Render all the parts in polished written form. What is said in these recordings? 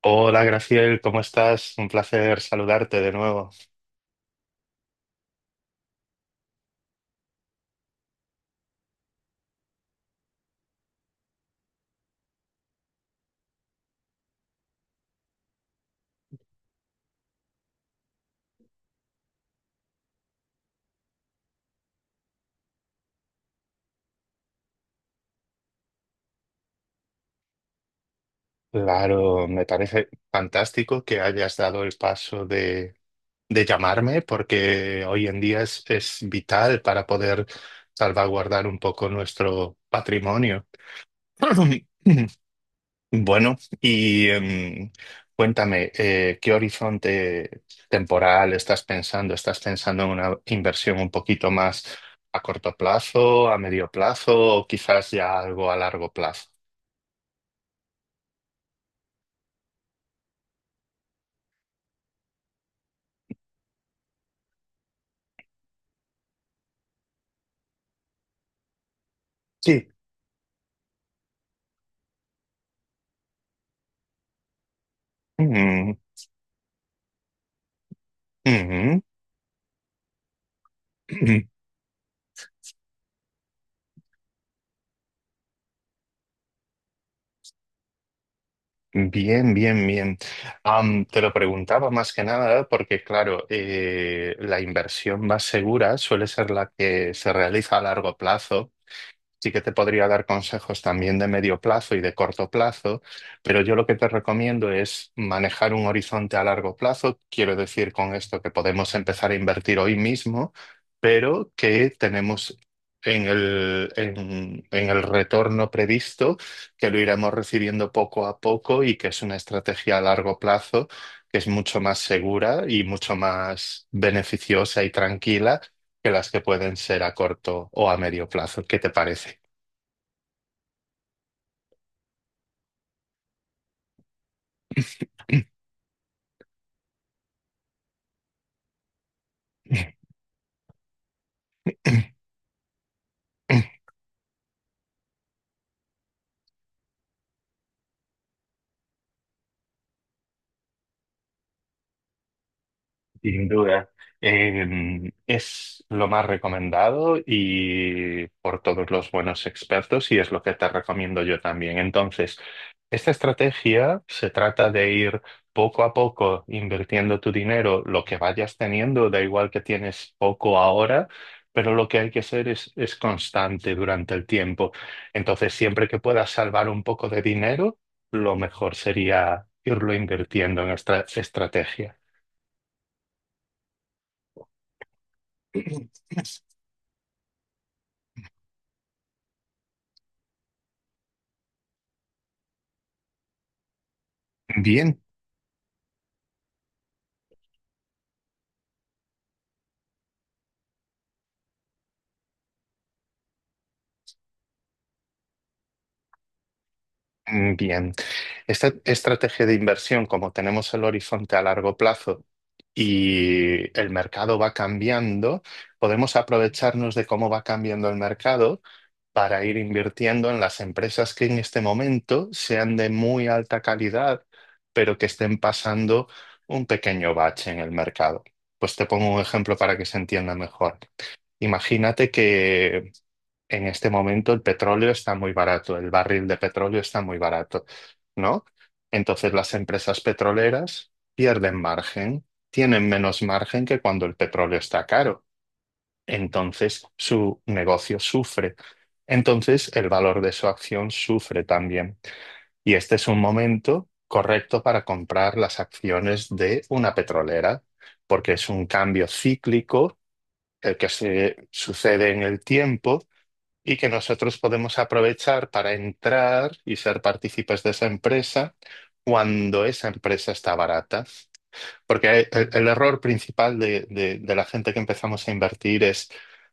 Hola Graciel, ¿cómo estás? Un placer saludarte de nuevo. Claro, me parece fantástico que hayas dado el paso de llamarme porque hoy en día es vital para poder salvaguardar un poco nuestro patrimonio. Bueno, cuéntame, ¿qué horizonte temporal estás pensando? ¿Estás pensando en una inversión un poquito más a corto plazo, a medio plazo o quizás ya algo a largo plazo? Sí. Mm. Ujú. Bien, bien, bien. Te lo preguntaba más que nada porque, claro, la inversión más segura suele ser la que se realiza a largo plazo. Sí que te podría dar consejos también de medio plazo y de corto plazo, pero yo lo que te recomiendo es manejar un horizonte a largo plazo. Quiero decir con esto que podemos empezar a invertir hoy mismo, pero que tenemos en el retorno previsto, que lo iremos recibiendo poco a poco y que es una estrategia a largo plazo que es mucho más segura y mucho más beneficiosa y tranquila que las que pueden ser a corto o a medio plazo. ¿Qué te parece? Sin duda, es lo más recomendado y por todos los buenos expertos y es lo que te recomiendo yo también. Entonces, esta estrategia se trata de ir poco a poco invirtiendo tu dinero, lo que vayas teniendo, da igual que tienes poco ahora, pero lo que hay que hacer es constante durante el tiempo. Entonces, siempre que puedas salvar un poco de dinero, lo mejor sería irlo invirtiendo en esta estrategia. Bien. Mm, bien. Esta estrategia de inversión, como tenemos el horizonte a largo plazo y el mercado va cambiando, podemos aprovecharnos de cómo va cambiando el mercado para ir invirtiendo en las empresas que en este momento sean de muy alta calidad, pero que estén pasando un pequeño bache en el mercado. Pues te pongo un ejemplo para que se entienda mejor. Imagínate que en este momento el petróleo está muy barato, el barril de petróleo está muy barato, ¿no? Entonces las empresas petroleras pierden margen, tienen menos margen que cuando el petróleo está caro. Entonces su negocio sufre. Entonces el valor de su acción sufre también. Y este es un momento correcto para comprar las acciones de una petrolera, porque es un cambio cíclico el que se sucede en el tiempo y que nosotros podemos aprovechar para entrar y ser partícipes de esa empresa cuando esa empresa está barata. Porque el error principal de la gente que empezamos a invertir es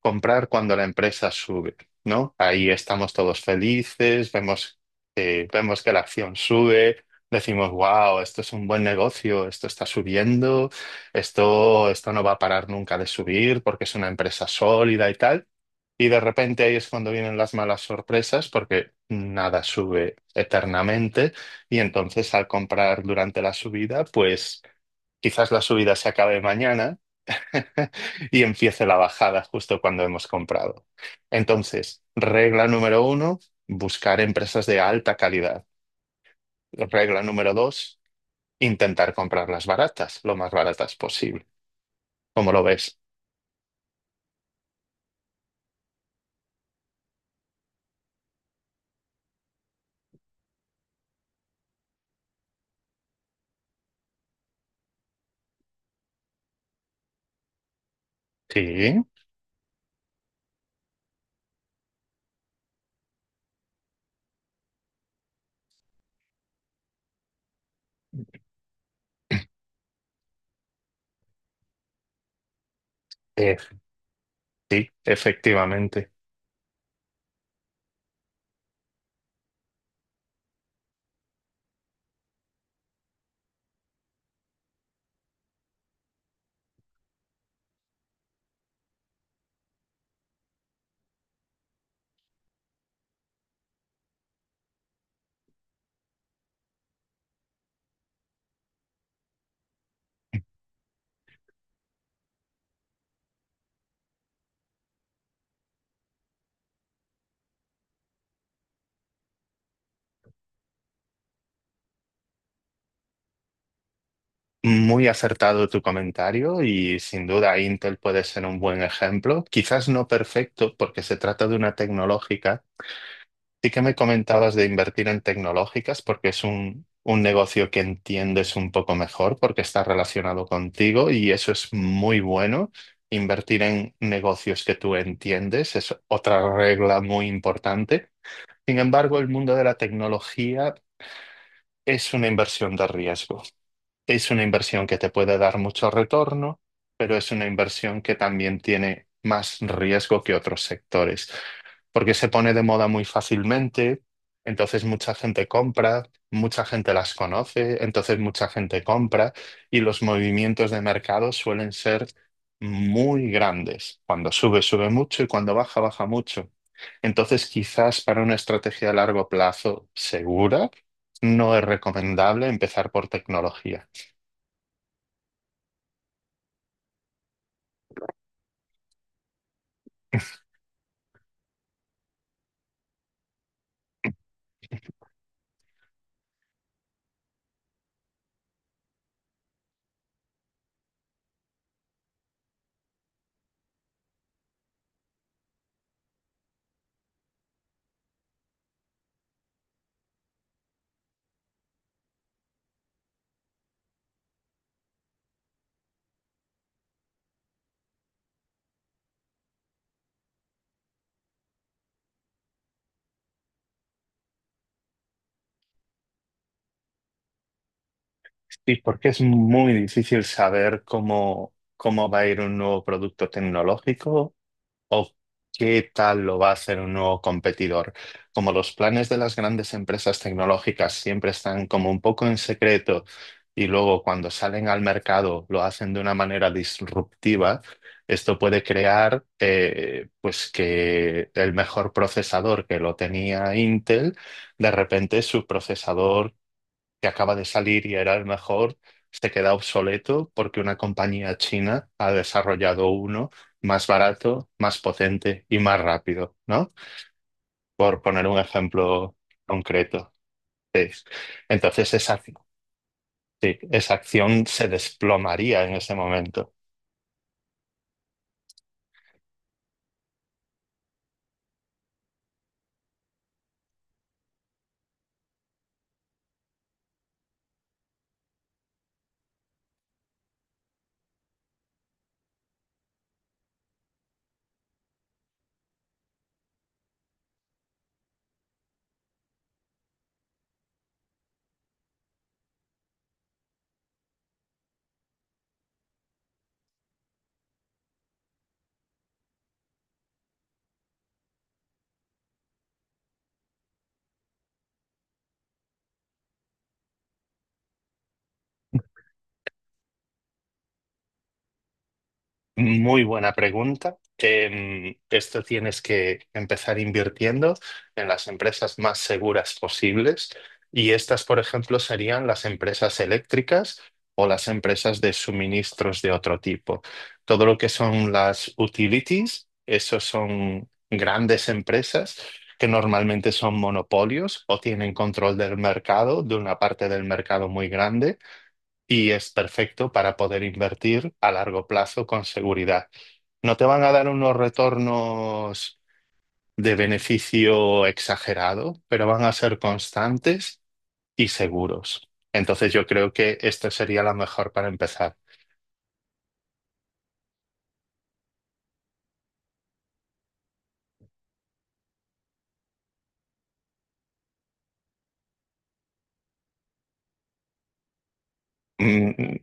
comprar cuando la empresa sube, ¿no? Ahí estamos todos felices, vemos, vemos que la acción sube, decimos, wow, esto es un buen negocio, esto está subiendo, esto no va a parar nunca de subir porque es una empresa sólida y tal. Y de repente ahí es cuando vienen las malas sorpresas porque nada sube eternamente y entonces al comprar durante la subida, pues quizás la subida se acabe mañana y empiece la bajada justo cuando hemos comprado. Entonces, regla número uno, buscar empresas de alta calidad. Regla número dos, intentar comprarlas baratas, lo más baratas posible. ¿Cómo lo ves? Sí, eh, sí, efectivamente. Muy acertado tu comentario y sin duda Intel puede ser un buen ejemplo. Quizás no perfecto porque se trata de una tecnológica. Sí que me comentabas de invertir en tecnológicas porque es un negocio que entiendes un poco mejor porque está relacionado contigo y eso es muy bueno. Invertir en negocios que tú entiendes es otra regla muy importante. Sin embargo, el mundo de la tecnología es una inversión de riesgo. Es una inversión que te puede dar mucho retorno, pero es una inversión que también tiene más riesgo que otros sectores, porque se pone de moda muy fácilmente, entonces mucha gente compra, mucha gente las conoce, entonces mucha gente compra y los movimientos de mercado suelen ser muy grandes. Cuando sube, sube mucho y cuando baja, baja mucho. Entonces, quizás para una estrategia a largo plazo segura, no es recomendable empezar por tecnología. Sí, porque es muy difícil saber cómo, cómo va a ir un nuevo producto tecnológico o qué tal lo va a hacer un nuevo competidor. Como los planes de las grandes empresas tecnológicas siempre están como un poco en secreto y luego cuando salen al mercado lo hacen de una manera disruptiva, esto puede crear pues que el mejor procesador que lo tenía Intel, de repente su procesador que acaba de salir y era el mejor, se queda obsoleto porque una compañía china ha desarrollado uno más barato, más potente y más rápido, ¿no? Por poner un ejemplo concreto. Sí. Entonces esa, sí, esa acción se desplomaría en ese momento. Muy buena pregunta. Esto tienes que empezar invirtiendo en las empresas más seguras posibles y estas, por ejemplo, serían las empresas eléctricas o las empresas de suministros de otro tipo. Todo lo que son las utilities, esos son grandes empresas que normalmente son monopolios o tienen control del mercado, de una parte del mercado muy grande y es perfecto para poder invertir a largo plazo con seguridad. No te van a dar unos retornos de beneficio exagerado, pero van a ser constantes y seguros. Entonces yo creo que esto sería la mejor para empezar. Mm,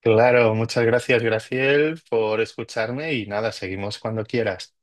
claro, muchas gracias, Graciel, por escucharme y nada, seguimos cuando quieras.